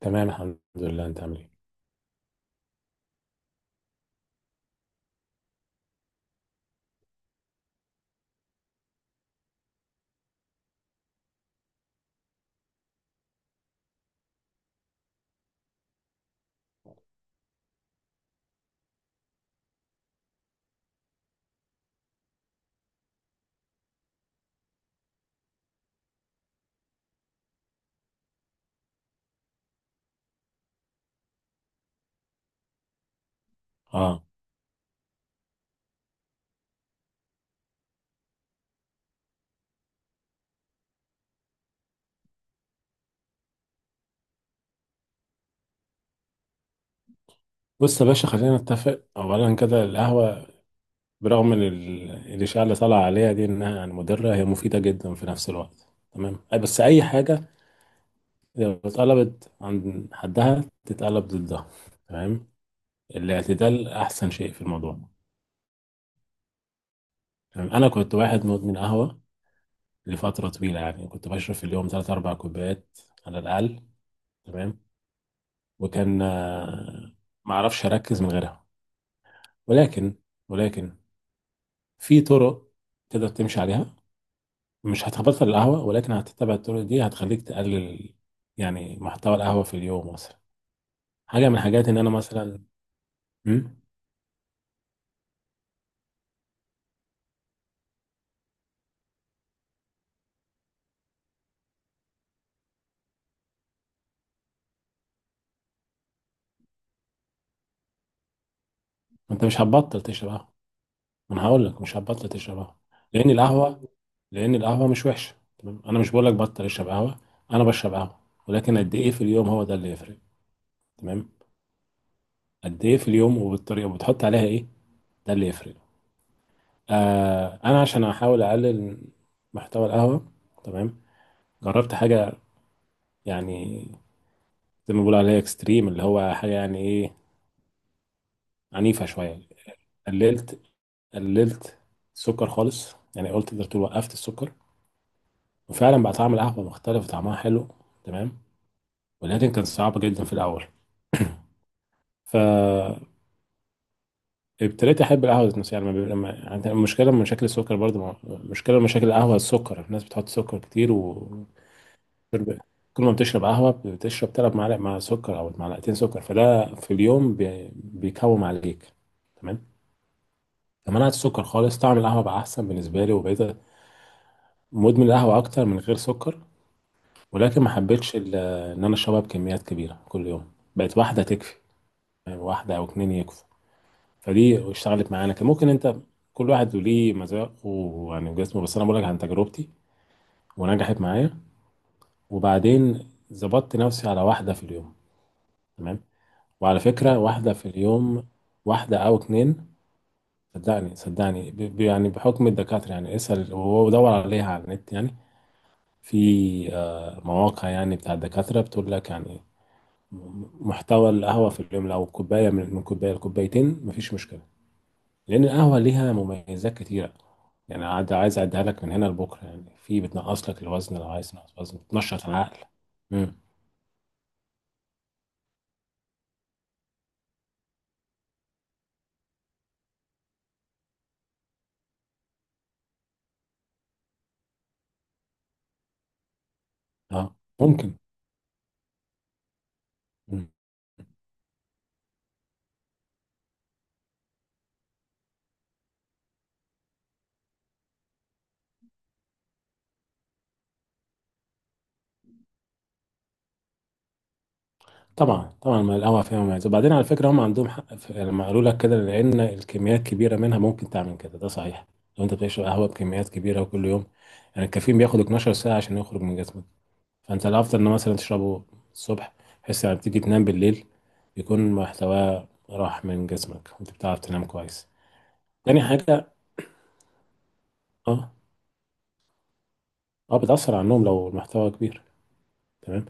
تمام، الحمد لله. انت عامل ايه؟ اه. بص يا باشا، خلينا نتفق اولا كده. القهوه، برغم ان الاشاعه اللي طالعه عليها دي انها يعني مضره، هي مفيده جدا في نفس الوقت. تمام. بس اي حاجه لو اتقلبت عند حدها تتقلب ضدها. تمام. الاعتدال احسن شيء في الموضوع. تمام. انا كنت واحد مدمن قهوه لفتره طويله، يعني كنت بشرب في اليوم 3 4 كوبايات على الاقل. تمام. وكان ما اعرفش اركز من غيرها، ولكن ولكن في طرق تقدر تمشي عليها. مش هتبطل القهوة، ولكن هتتبع الطرق دي هتخليك تقلل يعني محتوى القهوة في اليوم مثلا. حاجة من الحاجات إن أنا مثلا. مم؟ أنت مش هتبطل تشرب قهوة. ما أنا هقول لك مش هتبطل تشرب قهوة. لأن القهوة لأن القهوة مش وحشة. تمام، أنا مش بقول لك بطل اشرب قهوة. أنا بشرب قهوة، ولكن قد إيه في اليوم، هو ده اللي يفرق. تمام. قد إيه في اليوم، وبالطريقة، وبتحط عليها إيه، ده اللي يفرق. أنا عشان أحاول أقلل محتوى القهوة، تمام، جربت حاجة يعني زي ما بيقول عليها اكستريم، اللي هو حاجة يعني ايه، عنيفة شوية. قللت قللت السكر خالص. يعني قلت، تقدر تقول وقفت السكر، وفعلا بقى طعم القهوة مختلف وطعمها حلو. تمام. ولكن كان صعب جدا في الأول. فابتديت أحب القهوة ذات نفسها. يعني ما بي- ما- يعني المشكلة من مشاكل السكر برضه، مشكلة من مشاكل القهوة السكر، الناس بتحط سكر كتير و شرب- كل ما بتشرب قهوة بتشرب تلات معالق مع سكر أو معلقتين سكر، فده في اليوم بيكوم عليك. تمام. منعت السكر خالص، طعم القهوة بقى أحسن بالنسبة لي، وبقيت مدمن القهوة أكتر من غير سكر. ولكن ما حبيتش إن أنا أشربها بكميات كبيرة كل يوم. بقت واحدة تكفي، يعني واحدة أو اتنين يكفوا. فدي اشتغلت معانا. كان ممكن أنت، كل واحد له ليه مذاقه ويعني وجسمه، بس أنا بقول لك عن تجربتي، ونجحت معايا. وبعدين ظبطت نفسي على واحدة في اليوم. تمام. وعلى فكرة، واحدة في اليوم، واحدة أو اتنين. صدقني، يعني بحكم الدكاترة، يعني اسأل ودور عليها على النت. يعني في مواقع يعني بتاع الدكاترة بتقول لك يعني محتوى القهوة في اليوم لو كوباية، من كوباية لكوبايتين، مفيش مشكلة. لأن القهوة ليها مميزات كتيرة، يعني عايز أعدها لك من هنا لبكرة. يعني في، بتنقص لك الوزن لو عايز تنقص وزن، بتنشط العقل. مم. اه، ممكن. مم. طبعا طبعا، ما القهوة فيها مميزات. وبعدين على فكرة، هم عندهم حق، في يعني لما قالوا لك كده، لأن الكميات كبيرة منها ممكن تعمل كده، ده صحيح. لو أنت بتشرب قهوة بكميات كبيرة وكل يوم، يعني الكافيين بياخد 12 ساعة عشان يخرج من جسمك. فانت الافضل ان مثلا تشربه الصبح، بحيث لما بتيجي تنام بالليل يكون محتواه راح من جسمك وانت بتعرف تنام كويس. تاني حاجه. اه. اه، بتاثر على النوم لو المحتوى كبير. تمام.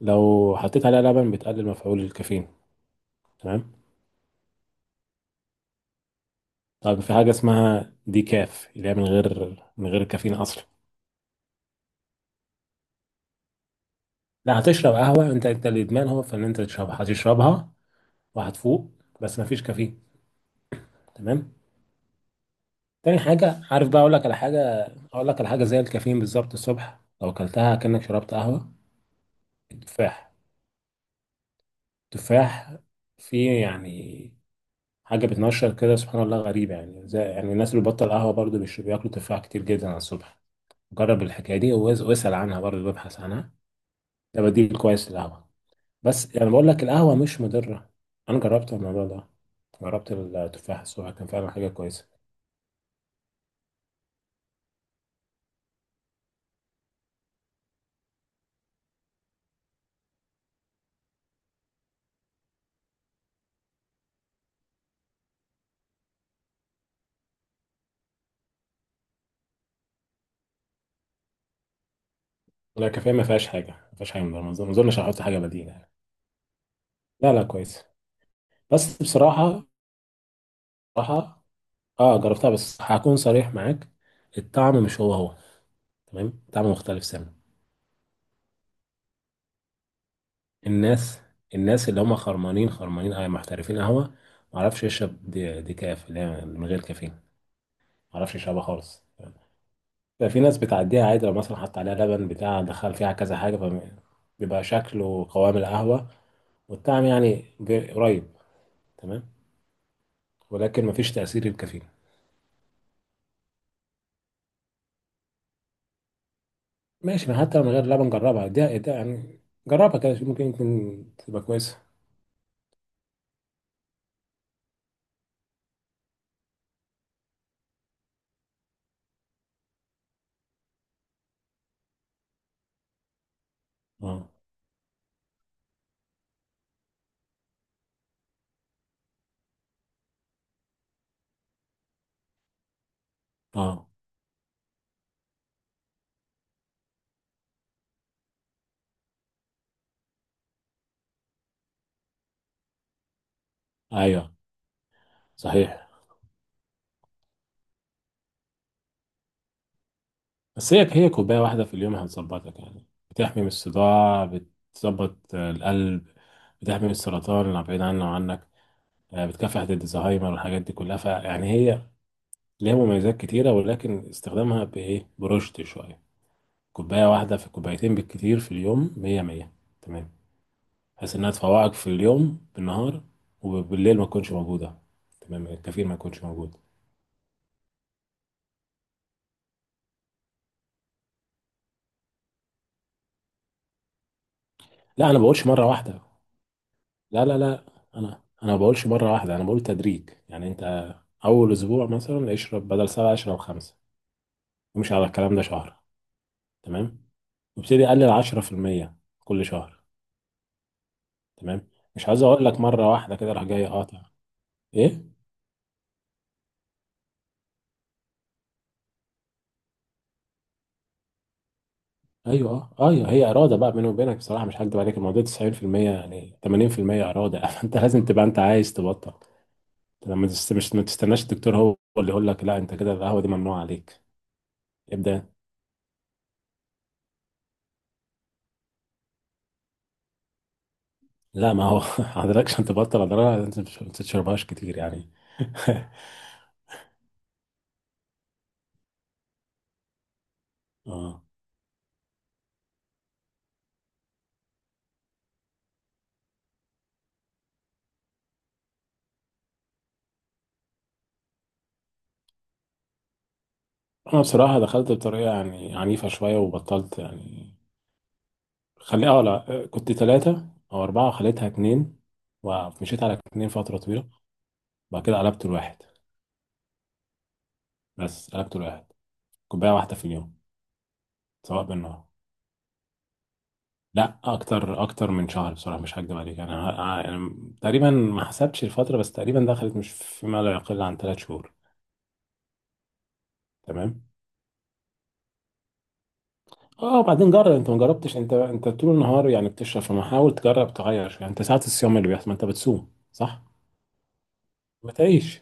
لو حطيت عليها لبن بتقلل مفعول الكافيين. تمام. طب في حاجه اسمها دي كاف، اللي هي من غير كافيين اصلا. لا، هتشرب قهوه. انت الادمان هو في ان انت تشربها، هتشربها وهتفوق بس مفيش كافيين. تمام. تاني حاجة، عارف بقى أقول لك على حاجة زي الكافيين بالظبط الصبح لو أكلتها كأنك شربت قهوة. التفاح. التفاح فيه يعني حاجة بتنشر كده، سبحان الله، غريبة. يعني زي يعني الناس اللي بتبطل قهوة برضو بياكلوا تفاح كتير جدا على الصبح. جرب الحكاية دي، واسأل عنها برضو، وابحث عنها. ده بديل كويس للقهوة. بس يعني بقول لك القهوة مش مضرة. أنا جربت الموضوع ده، جربت التفاح الصبح كان فعلا حاجة كويسة. لا، الكافيين ما فيهاش حاجة، ما فيهاش حاجة مضرة. ما أظنش هحط حاجة بديلة يعني. لا لا، كويس. بس بصراحة، اه جربتها، بس هكون صريح معاك، الطعم مش هو هو. تمام، طعم مختلف سنة. الناس الناس اللي هم خرمانين، خرمانين محترفين قهوة، معرفش يشرب دي كاف اللي هي من غير كافيين، معرفش يشربها خالص. ففي ناس بتعديها عادي، لو مثلا حط عليها لبن بتاع دخل فيها كذا حاجة بيبقى شكل وقوام القهوة والطعم يعني قريب. تمام. ولكن مفيش تأثير الكافيين. ماشي، ما حتى من غير لبن نجربها، ده يعني، جربها كده شوف، ممكن يمكن تبقى كويسة. اه، اه، ايوه، صحيح. بس هي كوباية واحدة في اليوم هتظبطك، يعني بتحمي من الصداع، بتظبط القلب، بتحمي من السرطان اللي بعيد عنه وعنك، بتكافح ضد الزهايمر والحاجات دي كلها. فيعني هي ليها مميزات كتيرة، ولكن استخدامها بإيه برشد شوية. كوباية واحدة في كوبايتين بالكتير في اليوم مية مية. تمام. بحيث انها تفوقك في اليوم بالنهار، وبالليل ما تكونش موجوده. تمام، الكافيين ما يكونش موجود. لا، انا ما بقولش مره واحده. لا لا لا، انا ما بقولش مره واحده. انا بقول تدريج يعني. انت اول اسبوع مثلا اشرب بدل سبعه اشرب خمسه. امشي على الكلام ده شهر. تمام. وابتدي اقلل 10% كل شهر. تمام. مش عايز اقول لك مره واحده كده راح جاي قاطع. ايه. ايوه. اه، ايوه، هي اراده بقى بيني وبينك. بصراحه مش هكدب عليك، الموضوع 90%، يعني 80% اراده. انت لازم تبقى انت عايز تبطل. أنت لما تست... مش ما تستناش الدكتور هو اللي يقول لك لا انت كده القهوه دي ممنوع عليك. ابدا. لا ما هو، حضرتك عشان تبطل اضرارها انت ما تشربهاش كتير يعني. اه، انا بصراحه دخلت بطريقه يعني عنيفه شويه وبطلت يعني. خلي اه لا، كنت ثلاثه او اربعه، خليتها اتنين. ومشيت على اتنين فتره طويله. بعد كده قلبت الواحد، بس قلبت الواحد، كوبايه واحده في اليوم، سواء بالنهار. لا، اكتر من شهر. بصراحه مش هكدب عليك، يعني أنا تقريبا ما حسبتش الفتره، بس تقريبا دخلت مش فيما لا يقل عن ثلاث شهور. تمام. اه وبعدين جرب انت، ما جربتش انت طول النهار يعني بتشرب، فما حاول تجرب تغير شويه. انت ساعات الصيام اللي بيحصل، ما انت بتصوم صح، ما تعيش.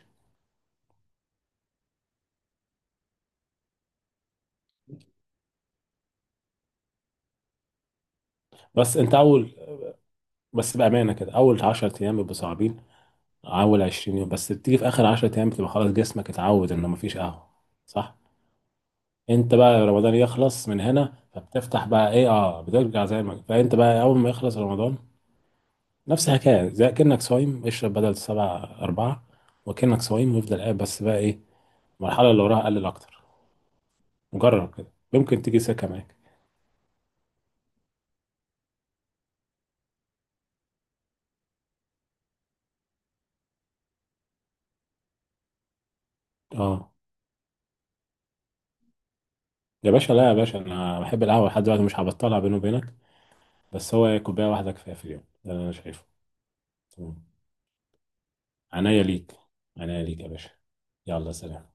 بس انت اول بس بامانه كده، اول 10 ايام بيبقوا صعبين، اول 20 يوم، بس بتيجي في اخر 10 ايام بتبقى خلاص جسمك اتعود انه ما فيش قهوه. صح. انت بقى رمضان يخلص من هنا، فبتفتح بقى ايه اه بترجع زي ما، فانت بقى اول ما يخلص رمضان نفس الحكايه، زي كأنك صايم، اشرب بدل سبعة أربعة، وكأنك صايم، وافضل قاعد بس بقى ايه المرحله اللي وراها قلل اكتر. جرب كده يمكن تيجي سكه معاك. اه يا باشا، لا يا باشا، انا بحب القهوه لحد دلوقتي، مش هبطلها بيني وبينك. بس هو إيه، كوبايه واحده كفايه في اليوم، ده اللي انا شايفه. تمام. عناية ليك. عناية ليك يا باشا. يلا، سلام.